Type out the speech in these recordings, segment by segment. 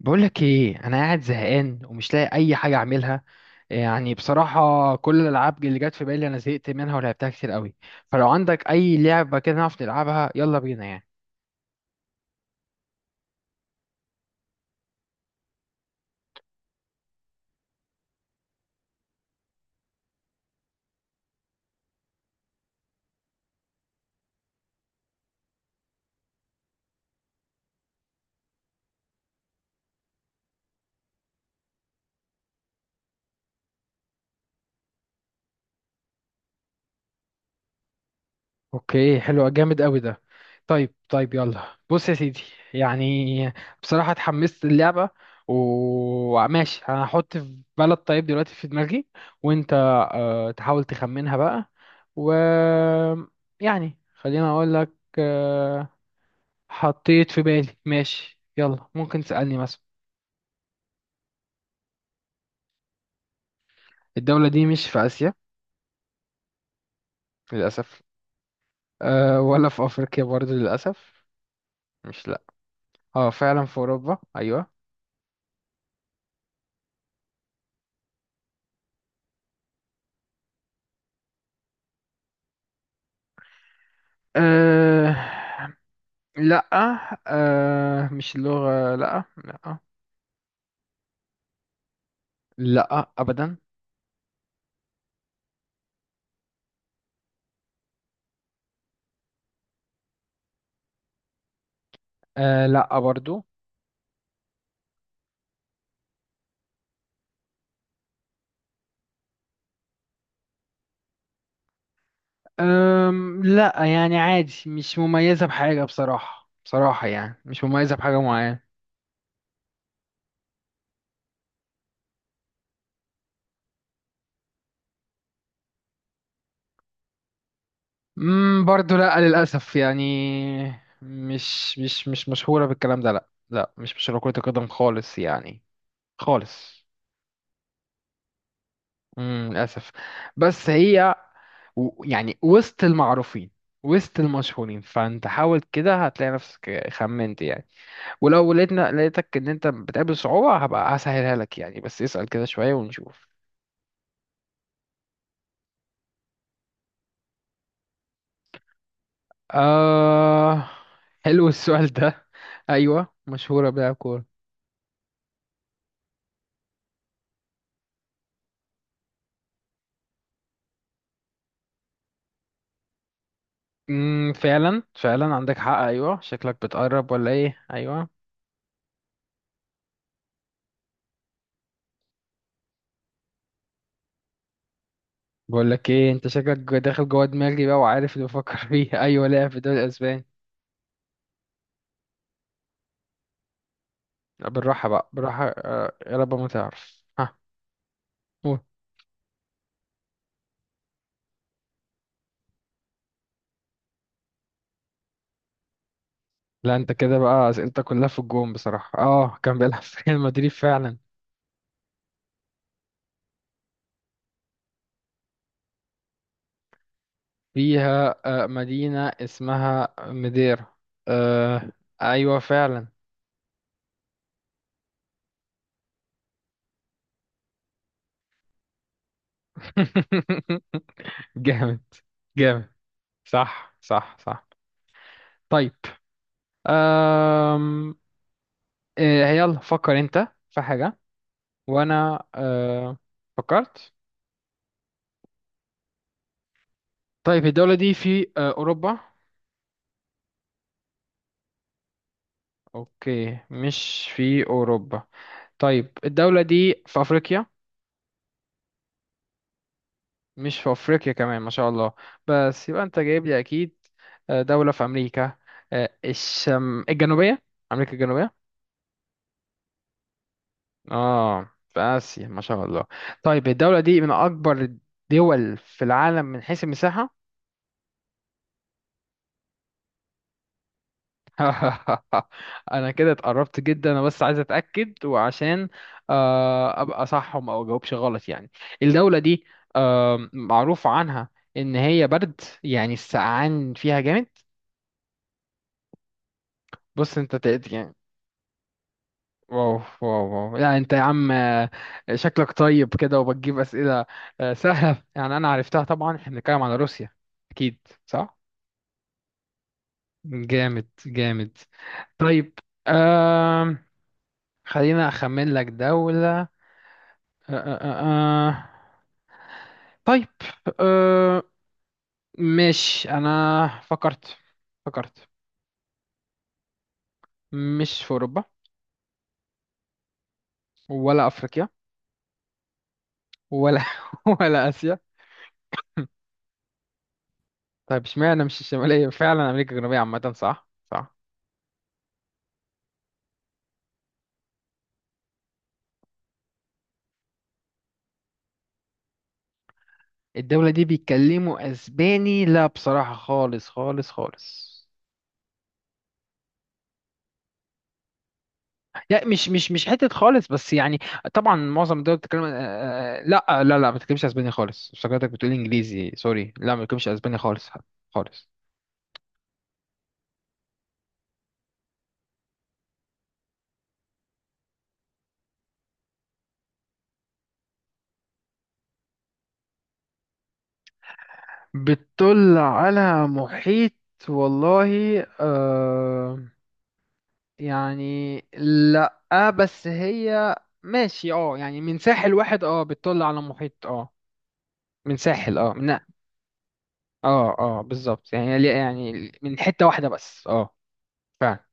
بقولك ايه انا قاعد زهقان ومش لاقي اي حاجه اعملها. يعني بصراحه كل الالعاب اللي جت في بالي انا زهقت منها ولعبتها كتير قوي. فلو عندك اي لعبه كده نعرف نلعبها يلا بينا يعني. اوكي حلو جامد قوي ده. طيب طيب، يلا بص يا سيدي. يعني بصراحه اتحمست اللعبه، وماشي انا هحط في بلد طيب دلوقتي في دماغي، وانت تحاول تخمنها بقى و يعني. خليني اقول لك، آه، حطيت في بالي، ماشي يلا ممكن تسألني مثلا. الدولة دي مش في آسيا للأسف. أه، ولا في أفريقيا برضو للأسف. مش، لأ. اه فعلا في أوروبا، أيوة. أه، لأ. أه مش اللغة، لأ لأ. لأ أبدا. أه، لأ برضو. لأ، يعني عادي مش مميزة بحاجة، بصراحة بصراحة يعني مش مميزة بحاجة معينة. برضه لا للاسف يعني. مش مشهوره بالكلام ده، لا لا، مش مشهوره كره القدم خالص يعني. خالص. للاسف. بس هي يعني وسط المعروفين، وسط المشهورين، فانت حاول كده هتلاقي نفسك خمنت يعني. ولو لقيتك ان انت بتقابل صعوبة هبقى هسهلها لك يعني، بس اسأل كده شوية ونشوف. آه، حلو السؤال ده. ايوه مشهورة بيها كورة. فعلا فعلا عندك حق، ايوه شكلك بتقرب ولا ايه؟ ايوه. بقول لك ايه، انت شكلك داخل جوه دماغي بقى وعارف اللي بفكر فيه ايوه، لا في الدوري الاسباني. لا، بالراحه بقى بالراحه، يا رب ما تعرف، ها. قول. لا انت كده بقى اسئلتك كلها في الجون بصراحه، اه كان بيلعب في ريال مدريد فعلا. فيها مدينه اسمها مديرا. آه ايوه فعلا. جامد جامد. صح صح صح. طيب. أم... يلا فكر انت في حاجة، وانا فكرت. طيب الدولة دي في اوروبا؟ اوكي مش في اوروبا. طيب الدولة دي في افريقيا؟ مش في افريقيا كمان ما شاء الله. بس يبقى انت جايب لي اكيد دولة في امريكا، الشم الجنوبية، امريكا الجنوبية. اه في اسيا ما شاء الله. طيب الدولة دي من اكبر الدول في العالم من حيث المساحة. انا كده اتقربت جدا، انا بس عايز اتاكد وعشان ابقى صح وما اجاوبش غلط يعني. الدوله دي معروف عنها ان هي برد، يعني السقعان فيها جامد. بص انت تقد يعني. واو واو واو، لا انت يا عم، شكلك طيب كده وبتجيب اسئله سهله يعني، انا عرفتها طبعا، احنا بنتكلم على روسيا. اكيد صح. جامد جامد. طيب. آم، خلينا اخمن لك دوله. أه أه أه. آه. طيب. أه. ماشي أنا فكرت. فكرت. مش في أوروبا. ولا أفريقيا. ولا ولا آسيا. طيب اشمعنى مش الشمالية؟ فعلا أمريكا الجنوبية عامة، صح صح. الدولة دي بيتكلموا أسباني؟ لا بصراحة خالص خالص خالص. لا مش حتة خالص بس يعني. طبعا معظم الدول بتتكلم لا، لا لا ما بتتكلمش اسباني خالص، افتكرتك بتقول انجليزي، سوري، لا ما بتتكلمش اسباني خالص. خالص. بتطل على محيط؟ والله آه. يعني لأ. بس هي. ماشي اه يعني من ساحل واحد، اه بتطل على محيط اه. من ساحل اه من. اه اه بالظبط، يعني يعني من حتة واحدة بس اه. فعلا.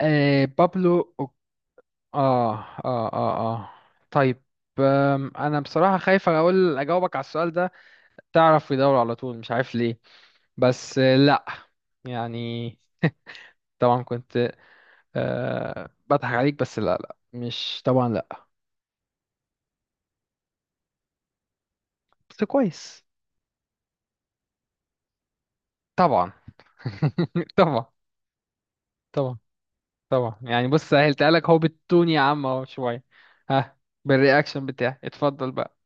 آه بابلو اه اه اه. اه طيب. انا بصراحة خايف اقول اجاوبك على السؤال ده، تعرف في دوري على طول مش عارف ليه، بس لا يعني، طبعا كنت أه بضحك عليك، بس لا لا مش طبعا لا. بس كويس. طبعا. طبعا. طبعا. طبعا يعني بص سهلتها لك، هو بالتون يا عم اهو شوية. ها. بالرياكشن بتاعي اتفضل بقى.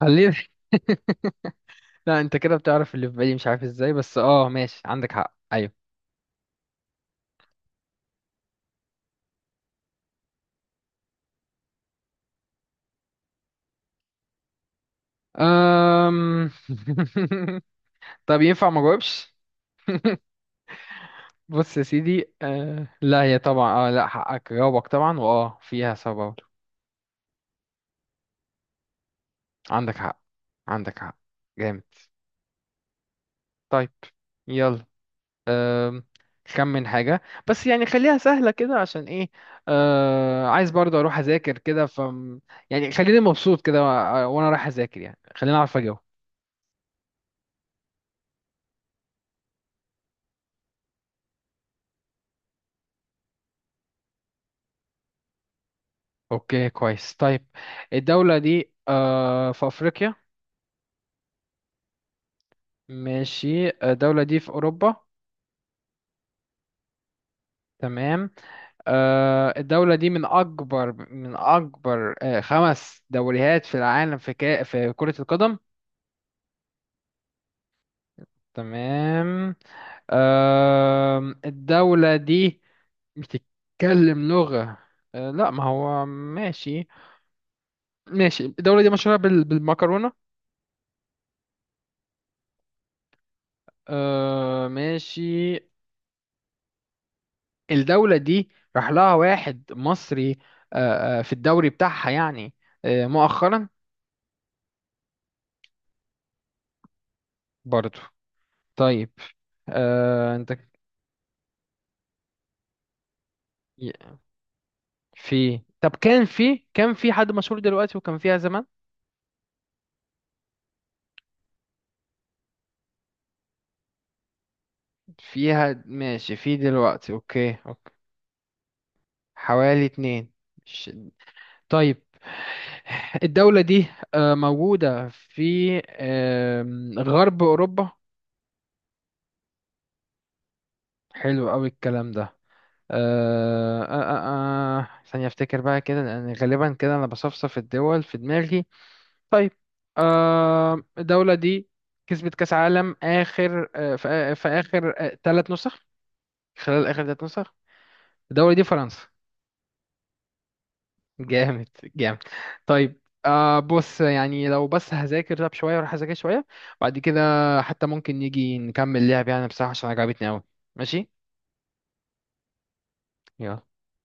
خلينا. لا انت كده بتعرف اللي في بالي مش عارف ازاي، بس اه ماشي عندك حق ايوه. أم... طب ينفع ما جاوبش؟ بص يا سيدي، لا هي طبعا اه، لا حقك جاوبك طبعا، واه فيها سبب. عندك حق. عندك حق. جامد. طيب. يلا. أم، خمن حاجة، بس يعني خليها سهلة كده عشان ايه، عايز برضه اروح اذاكر كده يعني. خليني مبسوط كده وانا رايح اذاكر، يعني خليني اعرف اجاوب. اوكي كويس طيب. الدولة دي في افريقيا؟ ماشي الدولة دي في اوروبا؟ تمام. الدولة دي من اكبر خمس دوريات في العالم في في كرة القدم؟ تمام. الدولة دي بتتكلم لغة لا ما هو ماشي. ماشي الدولة دي مشهورة بالمكرونة؟ ماشي. الدولة دي راح لها واحد مصري أه، أه، في الدوري بتاعها يعني، مؤخرا؟ برضو. طيب. انت. في، طب كان في حد مشهور دلوقتي وكان فيها زمان. فيها ماشي في دلوقتي، اوكي اوكي. حوالي اتنين. مش. طيب. الدولة دي موجودة في غرب أوروبا. حلو أوي الكلام ده. ثانية أفتكر بقى كده لأن غالبا كده أنا بصفصف الدول في دماغي. طيب. الدولة دي كسبت كأس عالم آخر في في آخر ثلاث نسخ، خلال آخر ثلاث نسخ. الدولة دي فرنسا. جامد جامد. طيب. بص يعني لو بس هذاكر راب شوية وراح أذاكر شوية بعد كده، حتى ممكن نيجي نكمل لعب يعني بصراحة عشان عجبتني أوي. ماشي. يلا.